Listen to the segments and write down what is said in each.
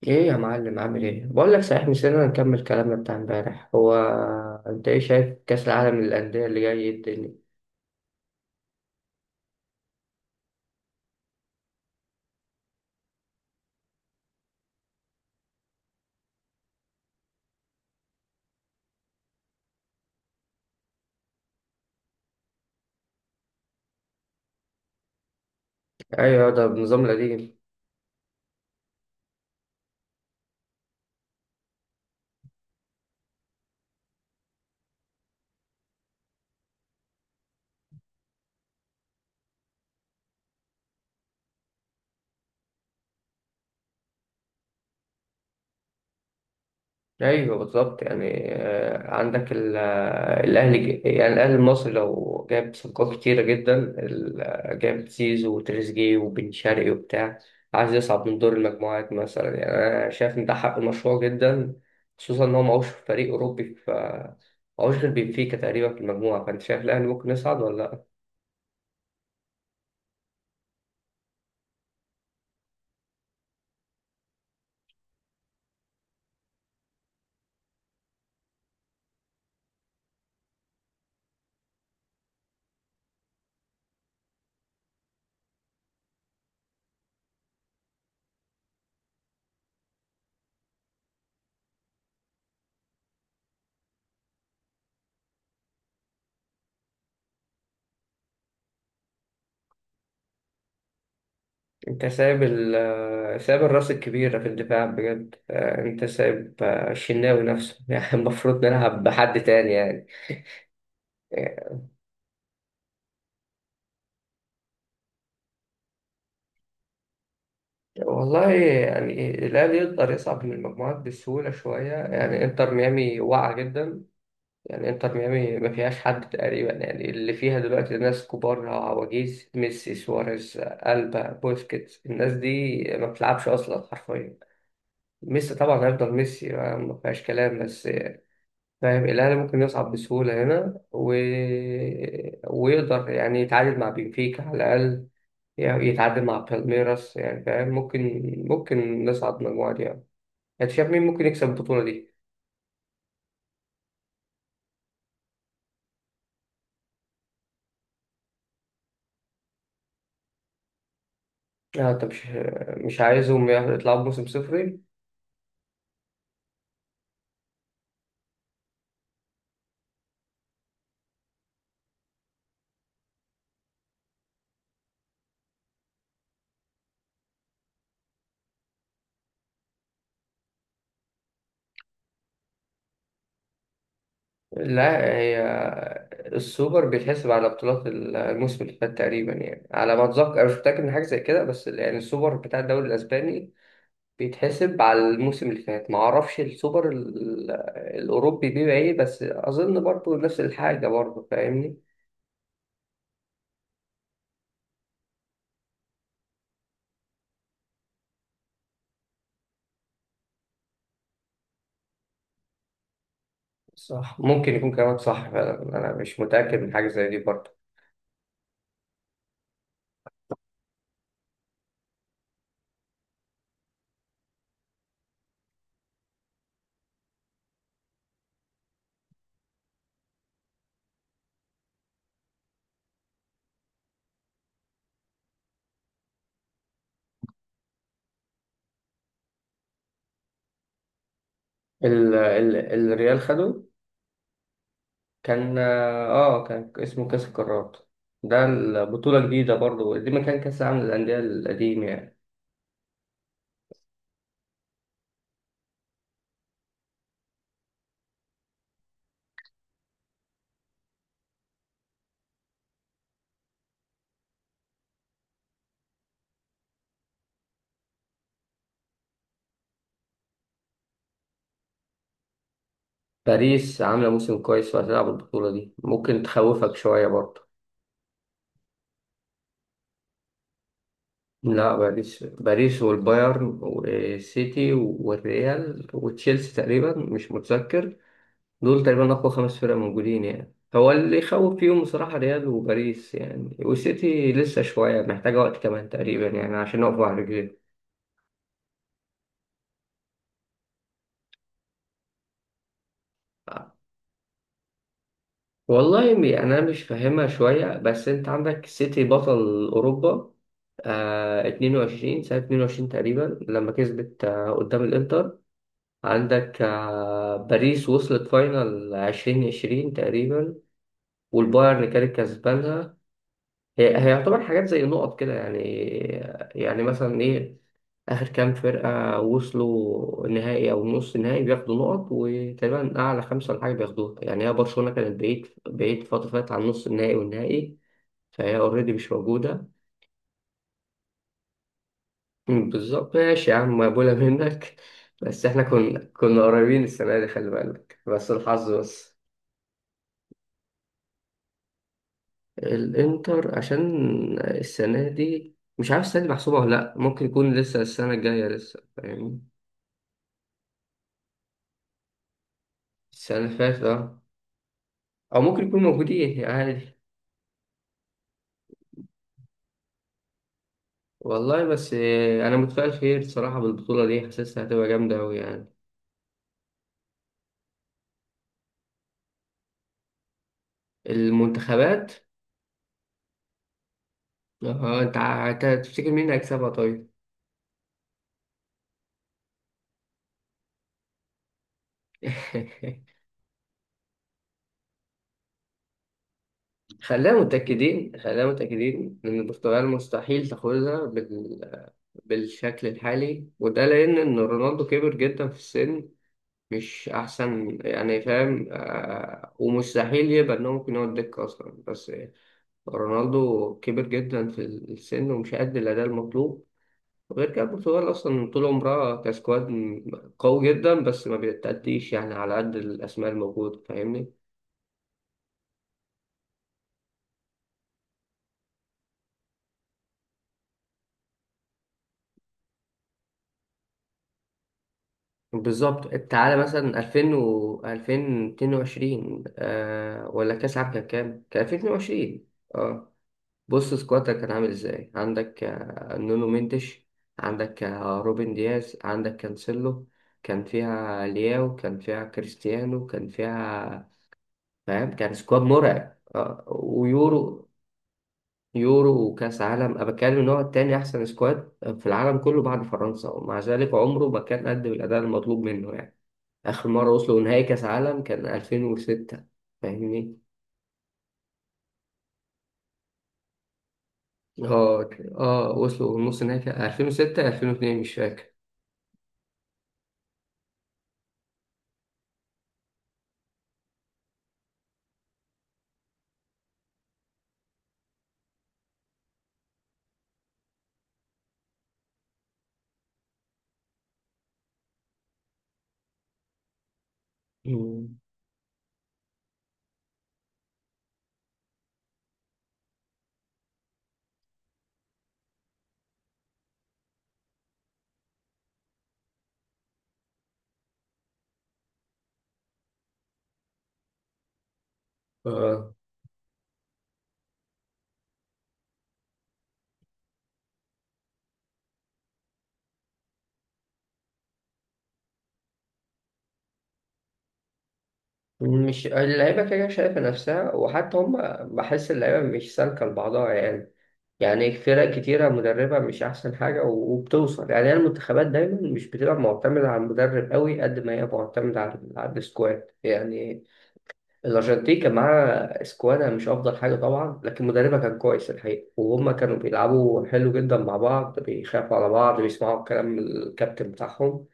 ايه يا معلم، عامل ايه؟ بقول لك صحيح نسينا نكمل كلامنا بتاع امبارح. هو انت ايه شايف كاس العالم للانديه اللي جاي؟ إيه الدنيا؟ ايوه، ده بنظام القديم. ايوه بالظبط. يعني عندك الاهلي يعني الاهلي المصري لو جاب صفقات كتيره جدا جاب زيزو وتريزيجيه وبن شرقي وبتاع، عايز يصعد من دور المجموعات مثلا. يعني انا شايف ان ده حق مشروع جدا، خصوصا ان هو معهوش فريق اوروبي، ف معهوش غير بنفيكا تقريبا في المجموعه. فانت شايف الاهلي ممكن يصعد ولا لا؟ انت سايب ال آه، سايب الراس الكبيره في الدفاع بجد. انت سايب الشناوي نفسه يعني المفروض نلعب بحد تاني يعني. والله، يعني الأهلي يقدر يصعد من المجموعات بسهولة شوية. يعني انتر ميامي واقعة جدا. يعني انتر ميامي ما فيهاش حد تقريبا. يعني اللي فيها دلوقتي ناس كبار، عواجيز، ميسي، سواريز، ألبا، بوسكيتس. الناس دي ما بتلعبش أصلا حرفيا. ميسي طبعا هيفضل ميسي، ما فيهاش كلام. بس فاهم الأهلي ممكن يصعد بسهولة هنا ويقدر يعني يتعادل مع بنفيكا على الأقل. يعني يتعادل مع بالميراس. يعني فاهم، ممكن نصعد مجموعة دي يعني. انت شايف مين ممكن يكسب البطولة دي؟ لا انت مش مش عايزهم يطلعوا بموسم صفري. لا هي السوبر بيتحسب على بطولات الموسم اللي فات تقريبا. يعني على ما اتذكر، انا مش متاكد من حاجه زي كده، بس يعني السوبر بتاع الدوري الاسباني بيتحسب على الموسم اللي فات. ما اعرفش السوبر الاوروبي بيبقى ايه، بس اظن برضو نفس الحاجه برضو، فاهمني. صح، ممكن يكون كلامك صح فعلا. انا مش متاكد من حاجه زي دي برضه. ال الريال خده. كان كان اسمه كاس القارات. ده البطوله جديده برضه. دي مكان كاس العالم للانديه القديم يعني. باريس عامله موسم كويس وهتلعب البطوله دي، ممكن تخوفك شويه برضه. لا، باريس، باريس والبايرن والسيتي والريال وتشيلسي تقريبا، مش متذكر. دول تقريبا أقوى خمس فرق موجودين. يعني هو اللي يخوف فيهم بصراحة ريال وباريس، يعني والسيتي لسه شوية محتاجة وقت كمان تقريبا يعني عشان يقفوا على رجليهم. والله، أنا مش فاهمها شوية. بس أنت عندك السيتي بطل أوروبا، 22 سنة 22 تقريبا لما كسبت قدام الإنتر. عندك باريس وصلت فاينل 2020 تقريبا، والبايرن كانت كسبانها. هي يعتبر حاجات زي نقط كده يعني. يعني مثلا ايه، اخر كام فرقه وصلوا النهائي او نص النهائي بياخدوا نقط، وتقريبا اعلى خمسه ولا حاجه بياخدوها يعني. هي برشلونه كانت بعيد، بعيد، فتره فاتت عن نص النهائي والنهائي. فهي اوريدي مش موجوده. بالظبط. ماشي يا عم، مقبوله منك بس احنا كنا قريبين السنه دي، خلي بالك، بس الحظ بس. الانتر عشان السنه دي مش عارف السنه دي محسوبه ولا لا. ممكن يكون لسه السنه الجايه، لسه، فاهمني. السنة اللي فاتت، اه. أو ممكن يكون موجودين عادي. والله بس أنا متفائل خير صراحة بالبطولة دي، حاسسها هتبقى جامدة أوي يعني. المنتخبات. اه أنت تفتكر مين هيكسبها طيب؟ خلينا متأكدين، خلينا متأكدين إن البرتغال مستحيل تاخدها بالشكل الحالي. وده لأن إن رونالدو كبر جدا في السن، مش أحسن يعني، فاهم. ومستحيل يبقى إن هو ممكن يقعد دكة أصلا. بس رونالدو كبر جدا في السن ومش قد الأداء المطلوب. وغير كده البرتغال أصلا طول عمرها كسكواد قوي جدا، بس ما بتأديش يعني على قد الأسماء الموجودة، فاهمني. بالظبط. تعالى مثلا 2000 و 2022 آه، ولا كأس العالم كان كام؟ كان 2022. اه. بص سكوادك كان عامل ازاي؟ عندك نونو مينديش، عندك روبن دياز، عندك كانسيلو. كان فيها لياو، كان فيها كريستيانو، كان فيها، فاهم، كان سكواد مرعب. ويورو، يورو وكاس عالم. انا بتكلم ان هو التاني احسن سكواد في العالم كله بعد فرنسا، ومع ذلك عمره ما كان قدم الاداء المطلوب منه يعني. اخر مره وصلوا نهائي كاس عالم كان 2006، فاهمني. اه. اه وصلوا نص نهائي 2006 2002، مش فاكر. مم. اه، مش اللعيبة كده كده شايفة نفسها وحتى هم. بحس اللعيبة مش سالكة لبعضها يعني. يعني فرق كتيرة مدربة مش أحسن حاجة و- وبتوصل يعني. هي المنتخبات دايما مش بتبقى معتمدة على المدرب قوي قد ما هي معتمدة على السكواد يعني. الأرجنتين كان معاها سكوادها مش أفضل حاجة طبعا، لكن مدربها كان كويس الحقيقة، وهم كانوا بيلعبوا حلو جدا مع بعض، بيخافوا على بعض، بيسمعوا كلام الكابتن بتاعهم.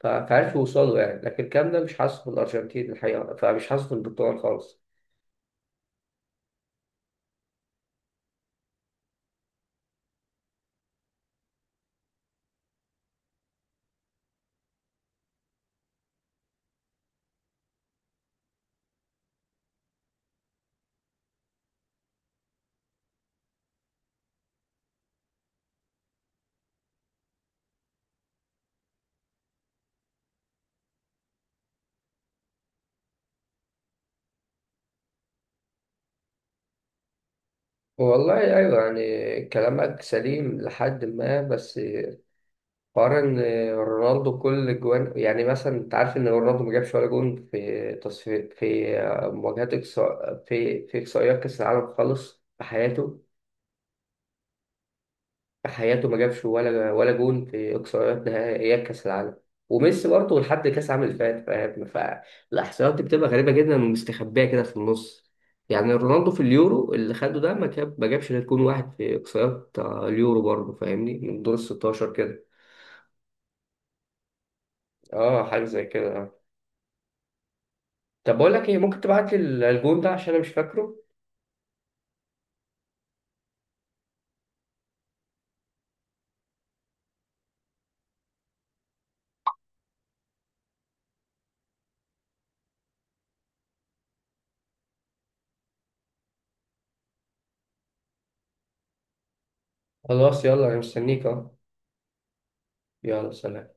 فعرفوا يوصلوا يعني. لكن الكلام ده مش حاصل في الأرجنتين الحقيقة، فمش حاصل في البرتغال خالص. والله أيوة، يعني كلامك سليم لحد ما، بس حوار إن رونالدو كل جوان. يعني مثلا أنت عارف إن رونالدو ما جابش ولا جون في تصفي في مواجهات إقصاء في إقصائيات كأس العالم خالص في حياته. في حياته ما جابش ولا جون في اقصائيات نهائيات كاس العالم. وميسي برضه لحد كاس العالم اللي فات، فاهم؟ فالاحصائيات دي بتبقى غريبه جدا ومستخبيه كده في النص. يعني رونالدو في اليورو اللي خده ده ما جابش غير جون واحد في اقصائيات اليورو برضه فاهمني، من دور ال 16 كده. اه، حاجه زي كده. آه. طب بقول لك ايه، ممكن تبعت لي الجون ده عشان انا مش فاكره. خلاص، يلا، انا مستنيك. اه. يلا، سلام.